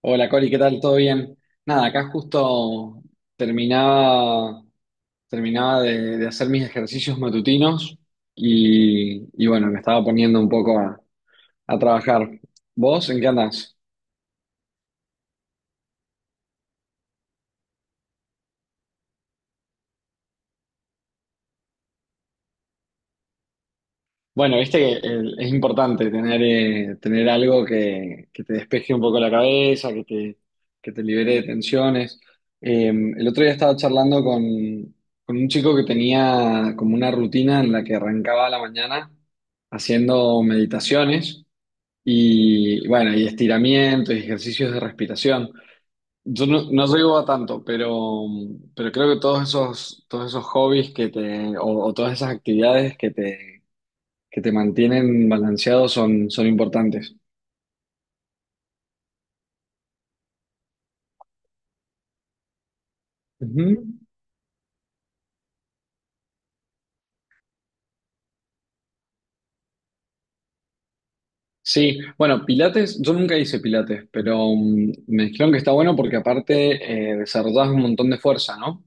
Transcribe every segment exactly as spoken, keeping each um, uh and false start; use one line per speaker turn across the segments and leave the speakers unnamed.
Hola Cori, ¿qué tal? ¿Todo bien? Nada, acá justo terminaba, terminaba de, de hacer mis ejercicios matutinos y, y bueno, me estaba poniendo un poco a, a trabajar. ¿Vos en qué andás? Bueno, viste que el- es importante tener, eh, tener algo que, que te despeje un poco la cabeza, que te, que te libere de tensiones. Eh, el otro día estaba charlando con, con un chico que tenía como una rutina en la que arrancaba a la mañana haciendo meditaciones y, bueno, y estiramientos y ejercicios de respiración. Yo no, no llego a tanto, pero, pero creo que todos esos, todos esos hobbies que te, o, o todas esas actividades que te que te mantienen balanceado son, son importantes. Ujú. Sí, bueno, Pilates, yo nunca hice Pilates, pero mm, me dijeron que está bueno porque aparte eh, desarrollas un montón de fuerza, ¿no?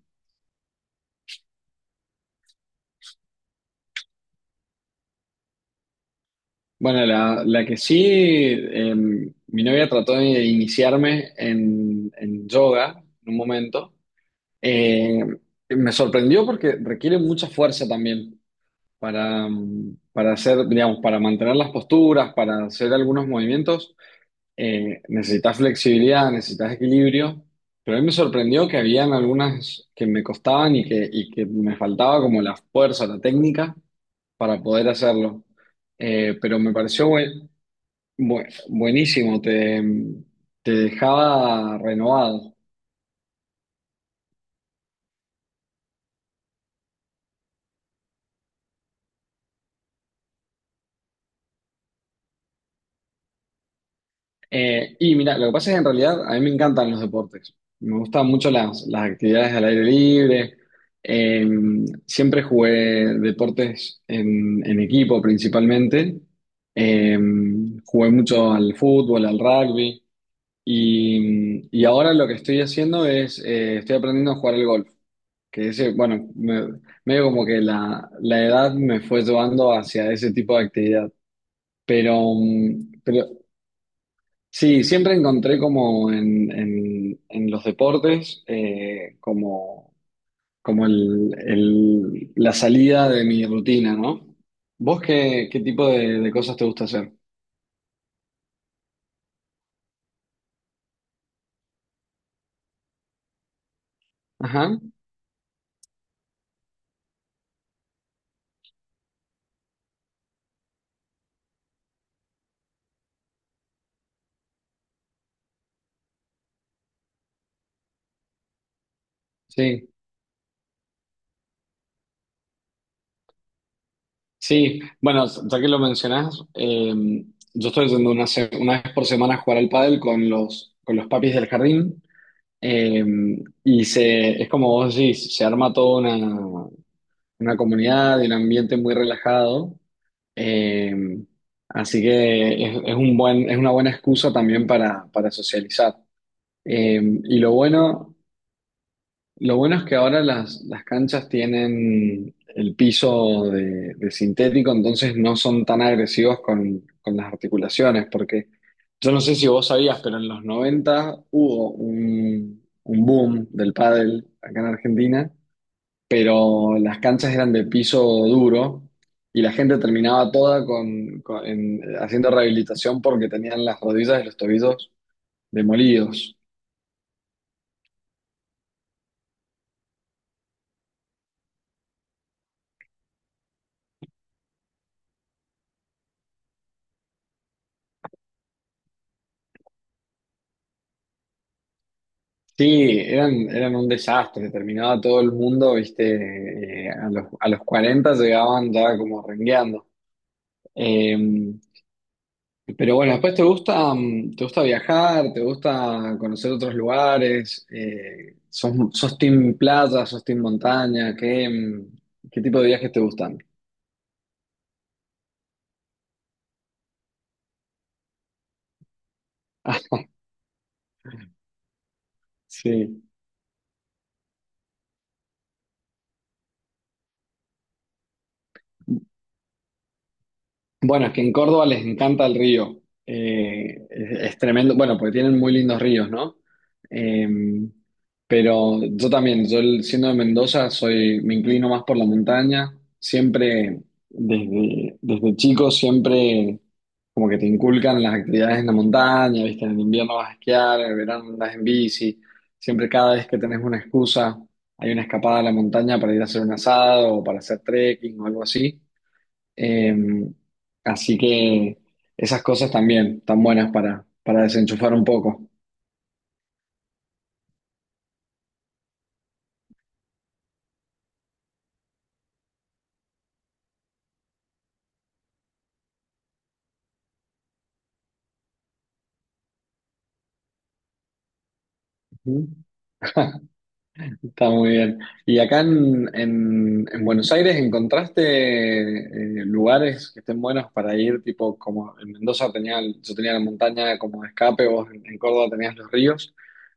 Bueno, la, la que sí, eh, mi novia trató de iniciarme en, en yoga en un momento. Eh, Me sorprendió porque requiere mucha fuerza también para, mm, para hacer, digamos, para mantener las posturas, para hacer algunos movimientos. Eh, necesitas flexibilidad, necesitas equilibrio, pero a mí me sorprendió que habían algunas que me costaban y que, y que me faltaba como la fuerza, la técnica para poder hacerlo. Eh, pero me pareció buen- bu- buenísimo, te, te dejaba renovado. Eh, y mira, lo que pasa es que en realidad a mí me encantan los deportes. Me gustan mucho las, las actividades al aire libre. Eh, Siempre jugué deportes en, en equipo principalmente. Eh, Jugué mucho al fútbol, al rugby. Y, y ahora lo que estoy haciendo es, eh, estoy aprendiendo a jugar al golf. Que ese, bueno, me- medio como que la, la edad me fue llevando hacia ese tipo de actividad. Pero, mm, pero Sí, siempre encontré como en, en- en los deportes, eh, como, como el- el- la salida de mi rutina, ¿no? ¿Vos qué, qué tipo de, de cosas te gusta hacer? Ajá, sí, sí. Bueno, ya que lo mencionás, eh, yo estoy yendo una, se- una vez por semana a jugar al pádel con los, con los, papis del jardín. eh, y se, es como vos decís, se arma toda una, una comunidad y un ambiente muy relajado. Eh, Así que es, es un buen, es una buena excusa también para, para socializar. Eh, y lo bueno, lo bueno es que ahora las, las canchas tienen el piso de, de sintético, entonces no son tan agresivos con, con las articulaciones, porque yo no sé si vos sabías, pero en los noventa hubo un, un boom del pádel acá en Argentina, pero las canchas eran de piso duro y la gente terminaba toda con, con- en- haciendo rehabilitación porque tenían las rodillas y los tobillos demolidos. Sí, eran, eran un desastre, terminaba todo el mundo, viste, eh, a los, a los cuarenta llegaban ya como rengueando. Eh, pero bueno, después te gusta, mm, te gusta viajar, te gusta conocer otros lugares, eh, sos, sos team playa, sos team montaña, ¿qué, mm, qué tipo de viajes te gustan? Ah, sí. Bueno, es que en Córdoba les encanta el río. Eh, es, es tremendo. Bueno, porque tienen muy lindos ríos, ¿no? Eh, pero yo también, yo el- siendo de Mendoza, soy, me inclino más por la montaña. Siempre, desde, desde chico, siempre como que te inculcan las actividades en la montaña, ¿viste? En invierno vas a esquiar, en verano andas en bici. Siempre cada vez que tenés una excusa, hay una escapada a la montaña para ir a hacer un asado o para hacer trekking o algo así. Eh, Así que esas cosas también están buenas para, para desenchufar un poco. Ujú. Está muy bien. ¿Y acá en, en- en Buenos Aires encontraste eh, lugares que estén buenos para ir? Tipo, como en Mendoza tenía, el- yo tenía la montaña como de escape, vos en, en Córdoba tenías los ríos.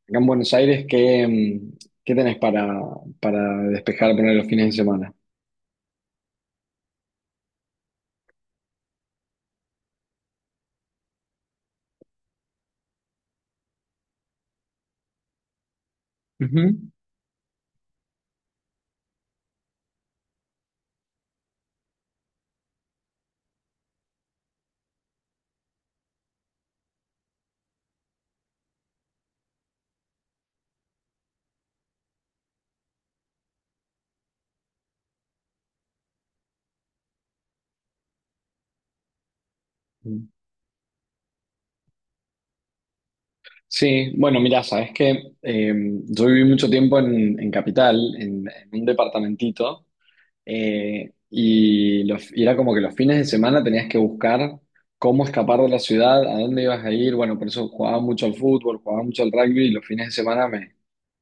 Acá en Buenos Aires, ¿qué, mm, qué tenés para, para despejar, poner los fines de semana? Ujú. Sí, bueno, mira, sabes que em, yo viví mucho tiempo en, en Capital, en, en un departamentito, eh, y, los- y era como que los fines de semana tenías que buscar cómo escapar de la ciudad, a dónde ibas a ir. Bueno, por eso jugaba mucho al fútbol, jugaba mucho al rugby, y los fines de semana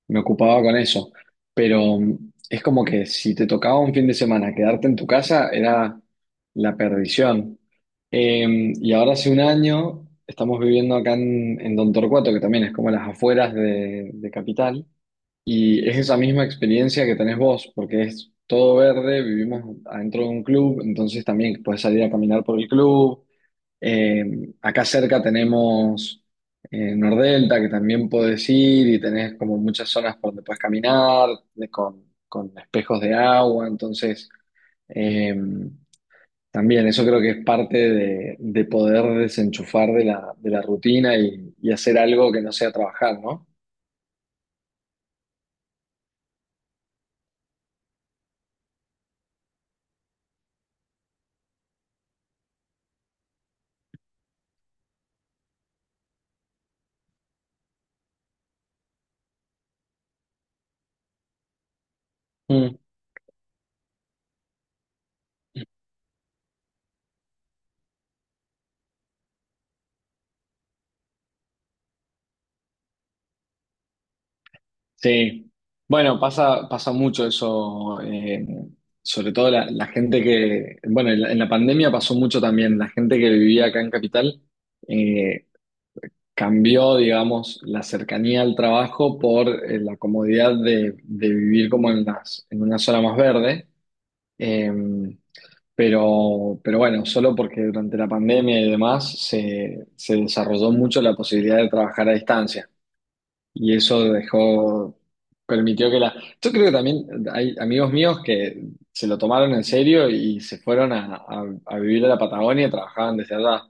me ocupaba con eso. Pero mm, es como que si te tocaba un fin de semana quedarte en tu casa era la perdición. Eh, y ahora hace un año estamos viviendo acá en, en Don Torcuato, que también es como las afueras de, de Capital. Y es esa misma experiencia que tenés vos, porque es todo verde, vivimos adentro de un club, entonces también puedes salir a caminar por el club. Eh, Acá cerca tenemos eh, Nordelta, que también podés ir y tenés como muchas zonas por donde puedes caminar, de- con, con espejos de agua, entonces eh, también eso creo que es parte de, de poder desenchufar de la, de la rutina y, y hacer algo que no sea trabajar, ¿no? Mm. Sí, bueno, pasa, pasa mucho eso, eh, sobre todo la, la, gente que, bueno, en la, en la pandemia pasó mucho también, la gente que vivía acá en Capital eh, cambió, digamos, la cercanía al trabajo por eh, la comodidad de, de vivir como en las, en una zona más verde, eh, pero, pero bueno, solo porque durante la pandemia y demás se, se desarrolló mucho la posibilidad de trabajar a distancia. Y eso dejó, permitió que la... Yo creo que también hay amigos míos que se lo tomaron en serio y se fueron a, a- a vivir a la Patagonia y trabajaban desde allá.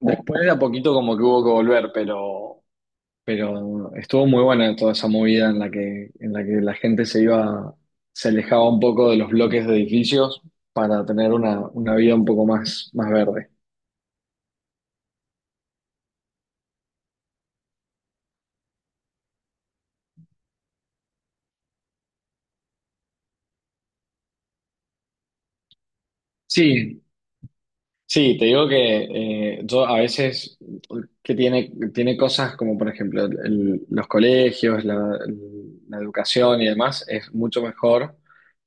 Después de a poquito como que hubo que volver, pero, pero estuvo muy buena toda esa movida en la que, en la que la gente se iba, se alejaba un poco de los bloques de edificios para tener una, una vida un poco más, más verde. Sí. Sí, te digo que eh, yo a veces que tiene, tiene cosas como por ejemplo el- los colegios, la, la, educación y demás es mucho mejor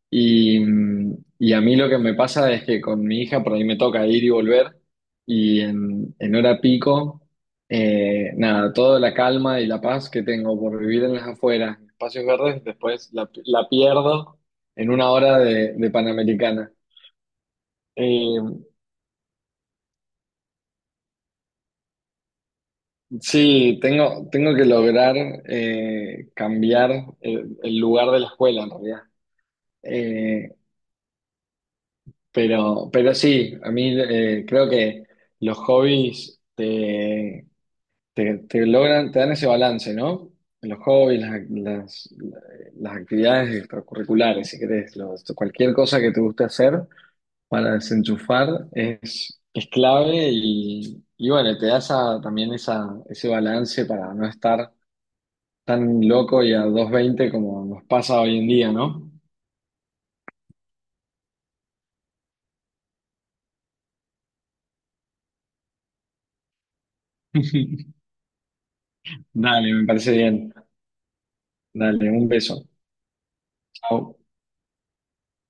y, mm, y a mí lo que me pasa es que con mi hija por ahí me toca ir y volver y en, en, hora pico, eh, nada, toda la calma y la paz que tengo por vivir en las afueras, en espacios verdes, después la, la, pierdo en una hora de, de Panamericana. Eh, Sí, tengo, tengo que lograr eh, cambiar el, el lugar de la escuela en realidad. Eh, pero, pero sí, a mí eh, creo que los hobbies te, te, te logran, te dan ese balance, ¿no? Los hobbies, las, las, las actividades extracurriculares, si querés, los- cualquier cosa que te guste hacer para desenchufar es, es clave y, y bueno, te da esa, también esa, ese balance para no estar tan loco y a dos veinte como nos pasa hoy en día, ¿no? Dale, me parece bien. Dale, un beso. Chao.